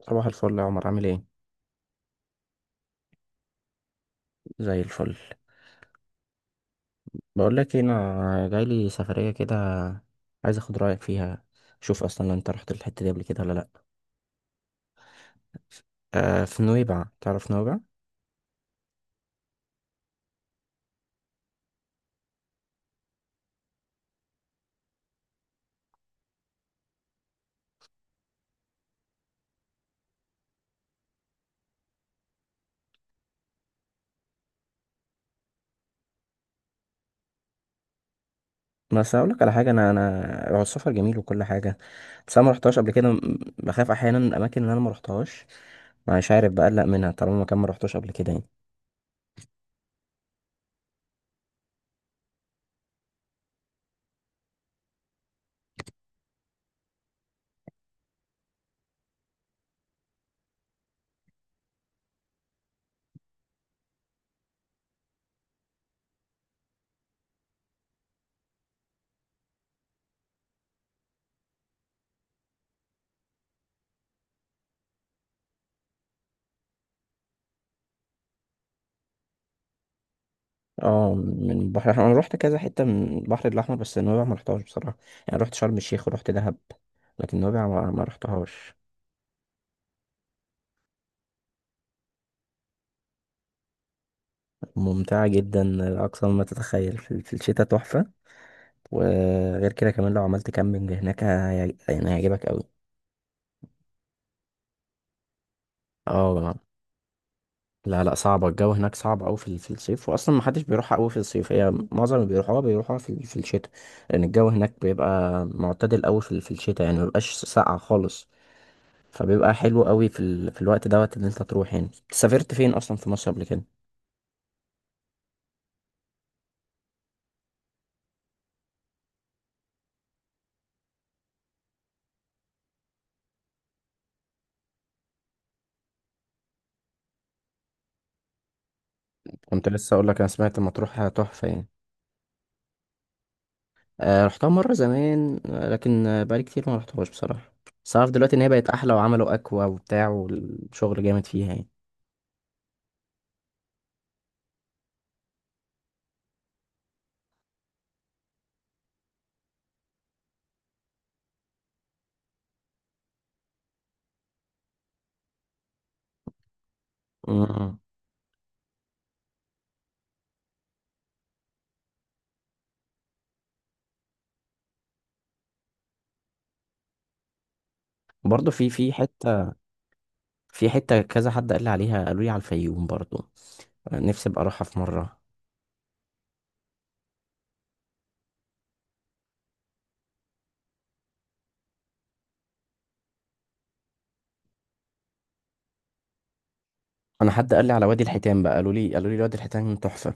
صباح الفل يا عمر، عامل ايه؟ زي الفل. بقول لك إيه، انا جاي لي سفريه كده، عايز اخد رايك فيها. شوف، اصلا انت رحت الحته دي قبل كده ولا لا؟ آه، في نويبع، تعرف نويبع؟ بس اقول لك على حاجه، انا انا هو السفر جميل وكل حاجه. بس انا ما رحتهاش قبل كده بخاف احيانا من الاماكن اللي انا ما رحتهاش، مش عارف بقلق منها طالما مكان ما رحتوش قبل كده يعني. اه، من البحر الاحمر انا رحت كذا حته من البحر الاحمر، بس نويبع ما رحتهاش بصراحه. يعني رحت شرم الشيخ ورحت دهب، لكن نويبع ما رحتهاش. ممتعة جدا لأقصى ما تتخيل، في الشتاء تحفة. وغير كده كمان لو عملت كامبينج هناك يعني هيعجبك أوي. اه. لا، لا، صعبة الجو هناك صعب أوي في الصيف، وأصلا محدش بيروحها أوي في الصيف، هي معظم اللي بيروحوها في الشتاء. لأن الجو هناك بيبقى معتدل أوي في الشتاء يعني مبيبقاش ساقع خالص، فبيبقى حلو أوي في الوقت دوت اللي أنت تروح. يعني سافرت فين أصلا في مصر قبل كده؟ كنت لسه أقولك، أنا سمعت مطروح تحفة يعني. رحتها مرة زمان، لكن بقالي كتير ما رحتهاش بصراحة. بس أعرف دلوقتي إن هي بقت أحلى وعملوا أكوا وبتاع والشغل جامد فيها يعني. امم. برضه في حتة كذا حد قال لي عليها، قالوا لي على الفيوم برضه، نفسي أبقى أروحها في مرة. أنا حد قال لي على وادي الحيتان بقى، قالوا لي وادي الحيتان تحفة.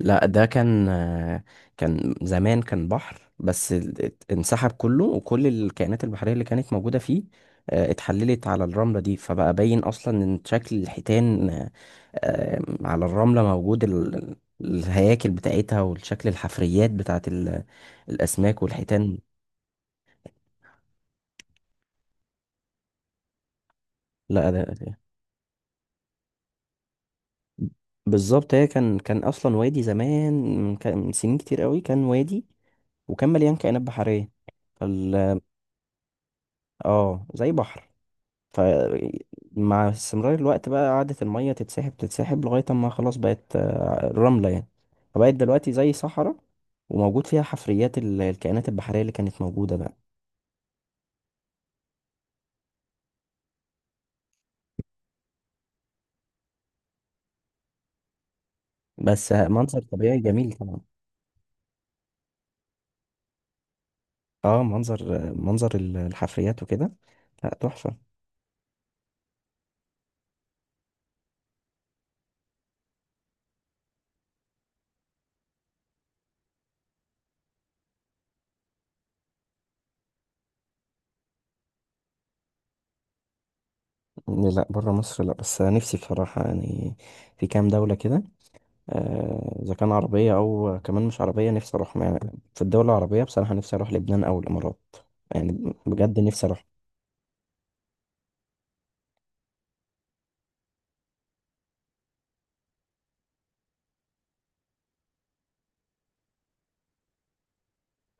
لا، ده كان كان زمان كان بحر، بس انسحب كله، وكل الكائنات البحرية اللي كانت موجودة فيه اتحللت على الرملة دي، فبقى باين أصلا إن شكل الحيتان، على الرملة موجود الهياكل بتاعتها والشكل، الحفريات بتاعت الأسماك والحيتان. لا، ده بالظبط، هي كان أصلا وادي زمان، من سنين كتير قوي كان وادي، وكان مليان كائنات بحرية. فال اه، زي بحر. فمع استمرار الوقت بقى قعدت المية تتسحب تتسحب لغاية اما خلاص بقت رملة يعني، فبقت دلوقتي زي صحراء، وموجود فيها حفريات الكائنات البحرية اللي كانت موجودة بقى. بس منظر طبيعي جميل طبعا. اه، منظر الحفريات وكده، لا تحفة. لا، بره مصر لا، بس نفسي بصراحة يعني في كام دولة كده، إذا كان عربية أو كمان مش عربية نفسي أروح يعني. في الدول العربية بصراحة نفسي أروح لبنان أو الإمارات، يعني بجد نفسي أروح.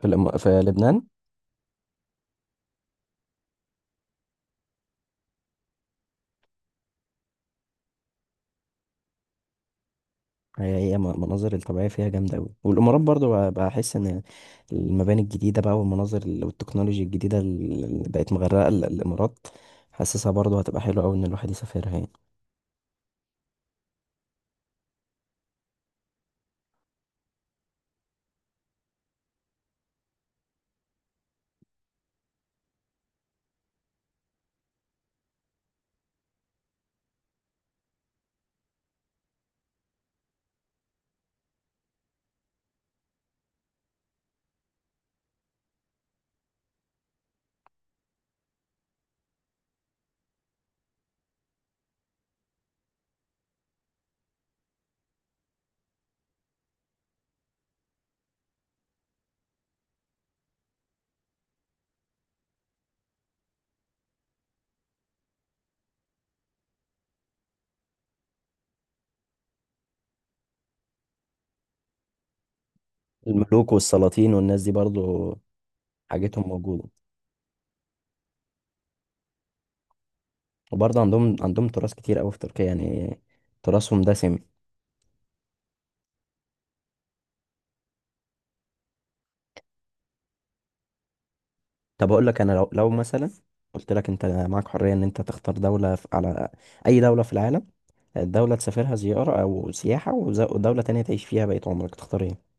في لبنان هي المناظر الطبيعية فيها جامدة أوي، والإمارات برضو بحس إن المباني الجديدة بقى، والمناظر والتكنولوجيا الجديدة اللي بقت مغرقة الإمارات، حاسسها برضو هتبقى حلوة أوي إن الواحد يسافرها يعني. الملوك والسلاطين والناس دي برضو حاجتهم موجودة. وبرضو عندهم تراث كتير أوي في تركيا يعني، تراثهم دسم. طب أقول لك، أنا لو مثلا قلت لك، أنت معاك حرية إن أنت تختار دولة على أي دولة في العالم، دولة تسافرها زيارة أو سياحة ودولة تانية تعيش فيها بقية عمرك، تختار ايه؟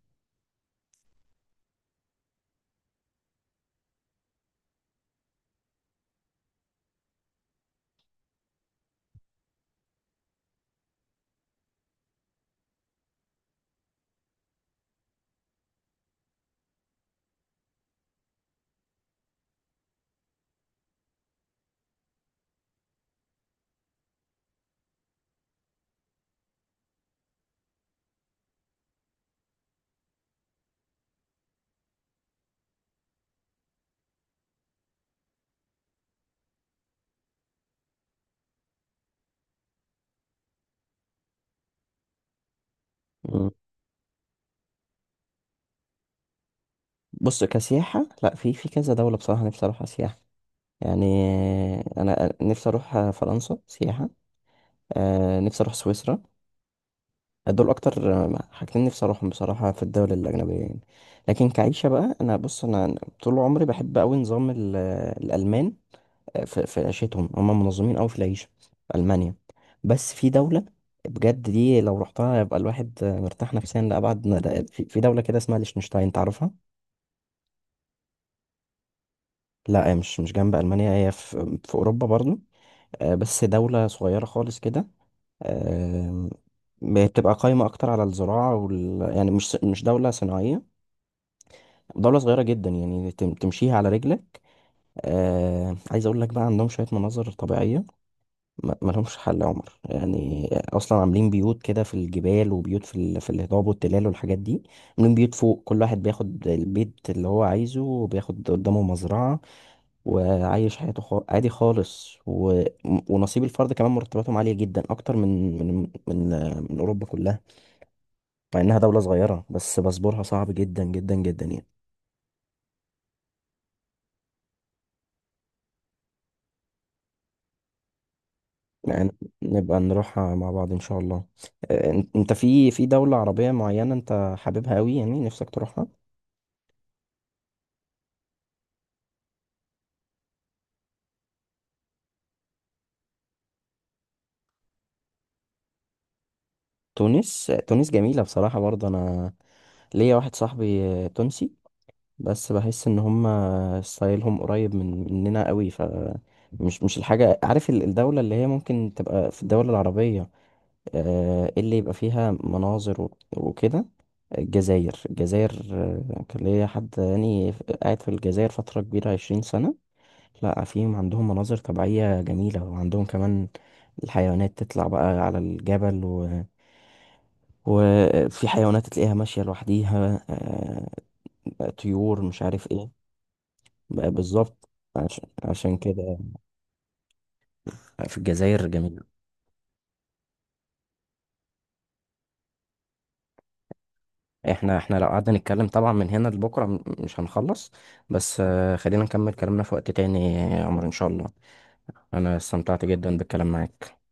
مم. بص، كسياحة لأ، في كذا دولة بصراحة نفسي أروحها سياحة يعني. أنا نفسي أروح فرنسا سياحة، نفسي أروح سويسرا. دول أكتر حاجتين نفسي أروحهم بصراحة في الدول الأجنبية يعني. لكن كعيشة بقى، بص، أنا طول عمري بحب أوي نظام الألمان، في عيشتهم، هم منظمين قوي في العيشة في ألمانيا. بس في دولة بجد دي لو رحتها يبقى الواحد مرتاح نفسيا لأبعد في دولة كده اسمها ليechtenstein، تعرفها؟ لا، هي مش جنب ألمانيا، هي في أوروبا برضو، بس دولة صغيرة خالص كده. آم، بتبقى قايمة أكتر على الزراعة يعني مش دولة صناعية، دولة صغيرة جدا يعني تمشيها على رجلك. عايز أقول لك بقى، عندهم شوية مناظر طبيعية ما لهمش حل يا عمر، يعني اصلا عاملين بيوت كده في الجبال، وبيوت في الهضاب والتلال والحاجات دي. عاملين بيوت فوق، كل واحد بياخد البيت اللي هو عايزه، وبياخد قدامه مزرعة، وعايش حياته عادي خالص. ونصيب الفرد كمان، مرتباتهم عالية جدا اكتر من اوروبا كلها، مع انها دولة صغيرة، بس باسبورها صعب جدا جدا جدا يعني. يعني نبقى نروحها مع بعض ان شاء الله. انت في دولة عربية معينة انت حاببها قوي، يعني نفسك تروحها؟ تونس، تونس جميلة بصراحة، برضه أنا ليا واحد صاحبي تونسي، بس بحس إن هما ستايلهم قريب من مننا قوي، مش الحاجة، عارف الدولة اللي هي ممكن تبقى في الدولة العربية، إيه اللي يبقى فيها مناظر وكده؟ الجزائر، الجزائر، كان ليا حد يعني قاعد في الجزائر فترة كبيرة 20 سنة. لا، فيهم عندهم مناظر طبيعية جميلة، وعندهم كمان الحيوانات تطلع بقى على الجبل، وفي حيوانات تلاقيها ماشية لوحديها، طيور مش عارف ايه. بقى بالظبط، عشان كده في الجزائر جميل. احنا لو قعدنا نتكلم طبعا من هنا لبكرة مش هنخلص، بس خلينا نكمل كلامنا في وقت تاني يا عمر ان شاء الله. انا استمتعت جدا بالكلام معاك.